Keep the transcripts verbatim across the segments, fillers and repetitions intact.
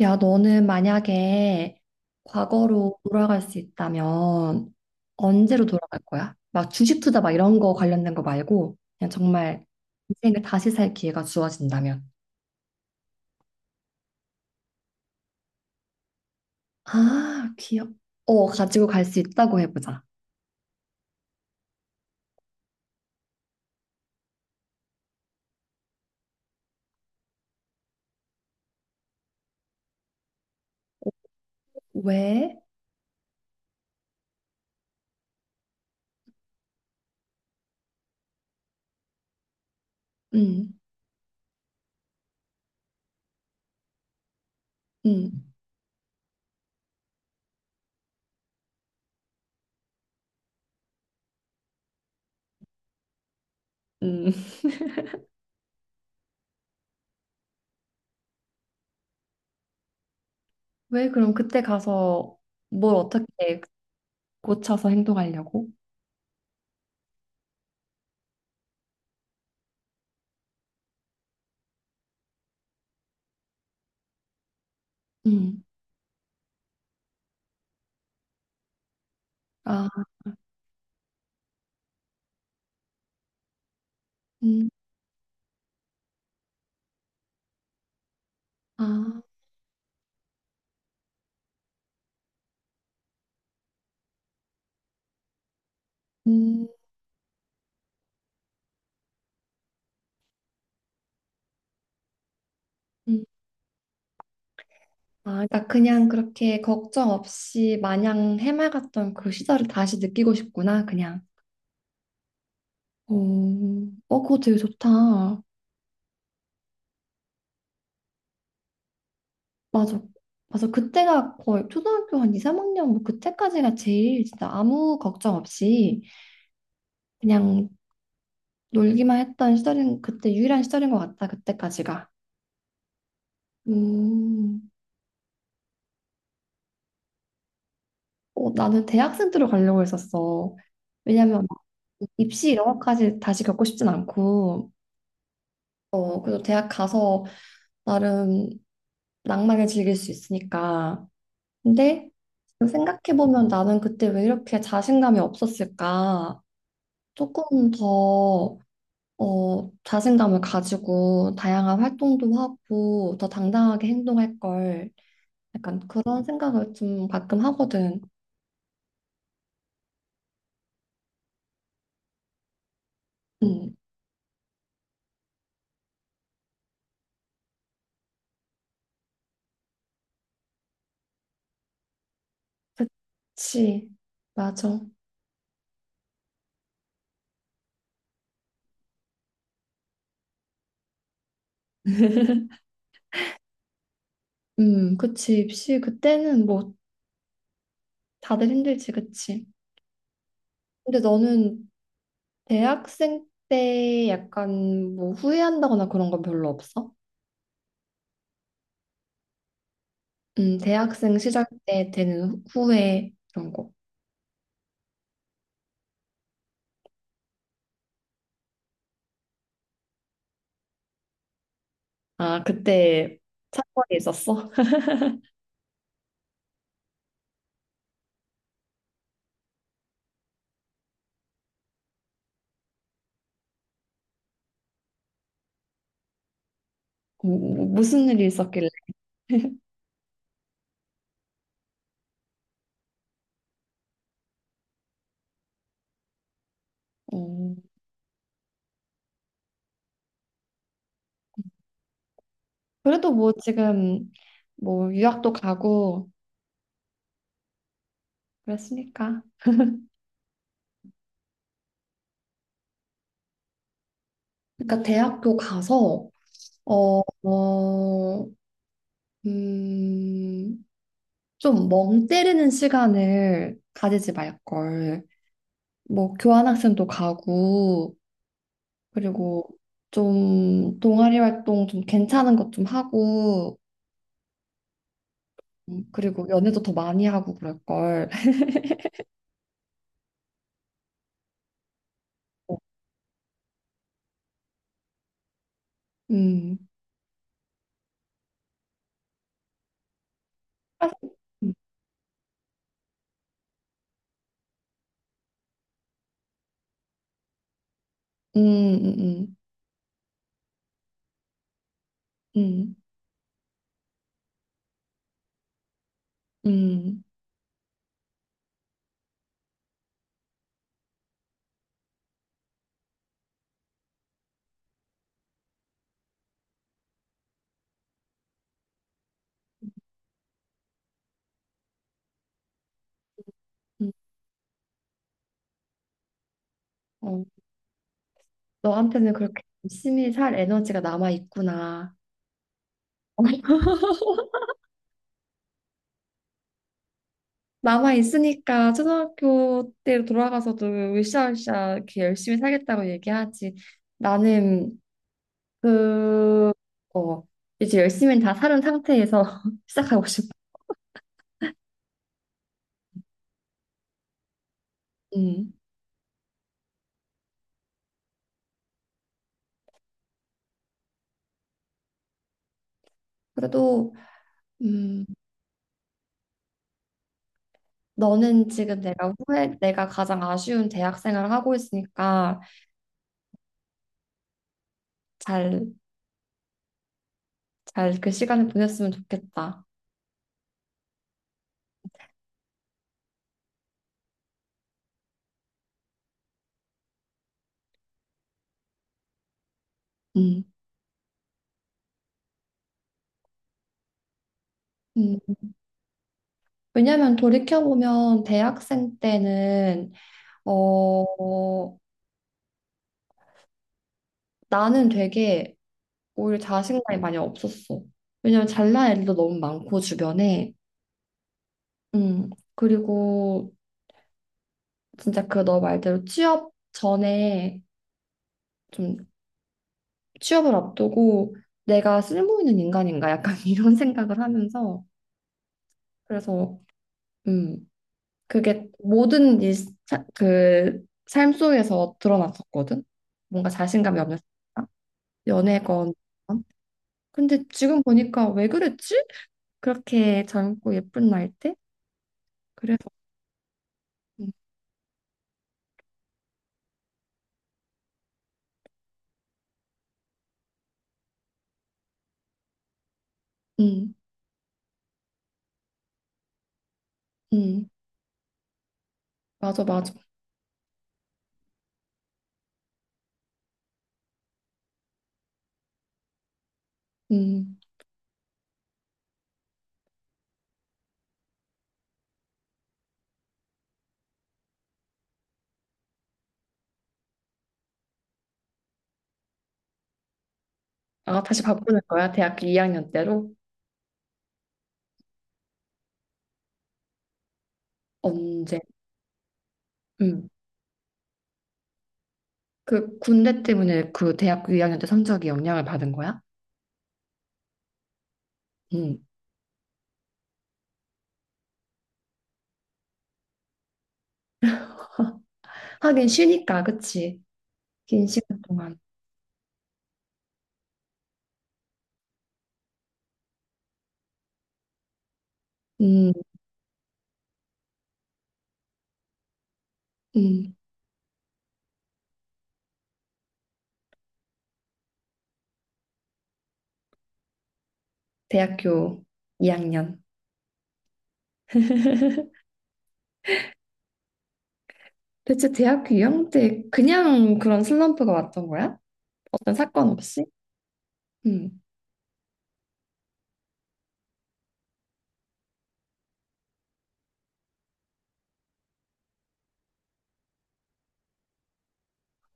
야, 너는 만약에 과거로 돌아갈 수 있다면 언제로 돌아갈 거야? 막 주식 투자 막 이런 거 관련된 거 말고 그냥 정말 인생을 다시 살 기회가 주어진다면. 아, 기억. 어, 가지고 갈 수 있다고 해보자. 왜? 음, 음, 음. 왜 그럼 그때 가서 뭘 어떻게 고쳐서 행동하려고? 음, 아, 음, 아, 음, 음. 아, 그러니까 그냥 그렇게 걱정 없이 마냥 해맑았던 그 시절을 다시 느끼고 싶구나, 그냥. 오, 어, 그거 되게 좋다. 맞아. 맞아. 그때가 거의 초등학교 한 이, 삼 학년, 뭐 그때까지가 제일 진짜 아무 걱정 없이 그냥 놀기만 했던 시절인, 그때 유일한 시절인 것 같다, 그때까지가. 음, 어, 나는 대학생 들어가려고 했었어. 왜냐면 막 입시 이런 것까지 다시 겪고 싶진 않고, 어, 그래서 대학 가서 나름 낭만을 즐길 수 있으니까. 근데 생각해보면 나는 그때 왜 이렇게 자신감이 없었을까? 조금 더 어, 자신감을 가지고 다양한 활동도 하고 더 당당하게 행동할 걸. 약간 그런 생각을 좀 가끔 하거든. 음, 그치. 맞아. 음, 그치. 입시 그때는 뭐 다들 힘들지, 그치. 근데 너는 대학생 때 약간 뭐 후회한다거나 그런 건 별로 없어? 음, 대학생 시절 때 되는 후회 그런 거. 아, 그때 사건이 있었어? 뭐, 뭐, 무슨 일이 있었길래? 음, 그래도 뭐 지금 뭐 유학도 가고 그랬으니까. 그러니까 대학교 가서 어, 어, 음, 좀 멍 때리는 시간을 가지지 말걸. 뭐 교환학생도 가고 그리고 좀 동아리 활동 좀 괜찮은 것 좀 하고, 음, 그리고 연애도 더 많이 하고 그럴 걸. 음. 음, 음, 음, 음, 음. 음. 어, 너한테는 그렇게 열심히 살 에너지가 남아 있구나. 남아 있으니까 초등학교 때로 돌아가서도 으쌰으쌰 이렇게 열심히 살겠다고 얘기하지. 나는 그, 어, 이제 열심히 다 살은 상태에서 시작하고 싶어. 음. 그래도 음, 너는 지금 내가 후회, 내가 가장 아쉬운 대학 생활을 하고 있으니까 잘, 잘 그 시간을 보냈으면 좋겠다. 음. 음. 왜냐면 돌이켜보면 대학생 때는 어, 나는 되게 오히려 자신감이 많이 없었어. 왜냐면 잘난 애들도 너무 많고 주변에. 음. 그리고 진짜 그 너 말대로 취업 전에 좀 취업을 앞두고 내가 쓸모 있는 인간인가 약간 이런 생각을 하면서 그래서 음 그게 모든 일, 사- 그, 삶 속에서 드러났었거든. 뭔가 자신감이 없는 사람, 연애건. 근데 지금 보니까 왜 그랬지? 그렇게 젊고 예쁜 나이 때? 그래서 음, 음, 음, 맞아, 맞아. 음. 아, 다시 바꾸는 거야? 대학교 이 학년 때로? 언제? 음. 그 군대 때문에 그 대학교 이 학년 때 성적이 영향을 받은 거야? 응. 하긴 쉬니까, 그치? 긴 시간 동안. 음, 음. 대학교 이 학년. 대체 대학교 이 학년 때 그냥 그런 슬럼프가 왔던 거야? 어떤 사건 없이? 음.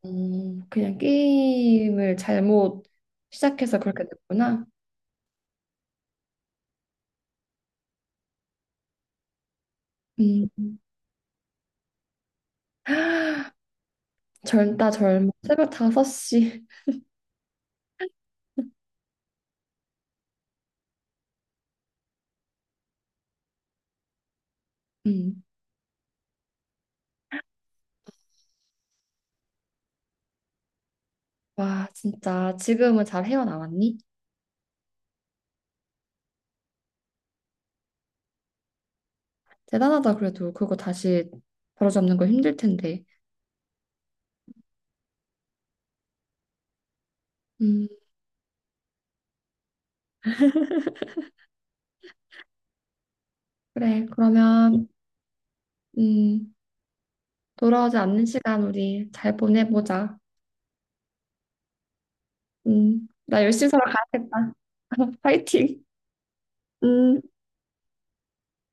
음, 그냥 게임을 잘못 시작해서 그렇게 됐구나. 음. 젊다 젊어. 새벽 다섯 시. 음. 와, 진짜 지금은 잘 헤어나왔니? 대단하다 그래도 그거 다시 바로잡는 거 힘들 텐데. 음, 그래. 그러면 음, 돌아오지 않는 시간 우리 잘 보내보자. 음, 나 열심히 살아가야겠다. 파이팅. 음.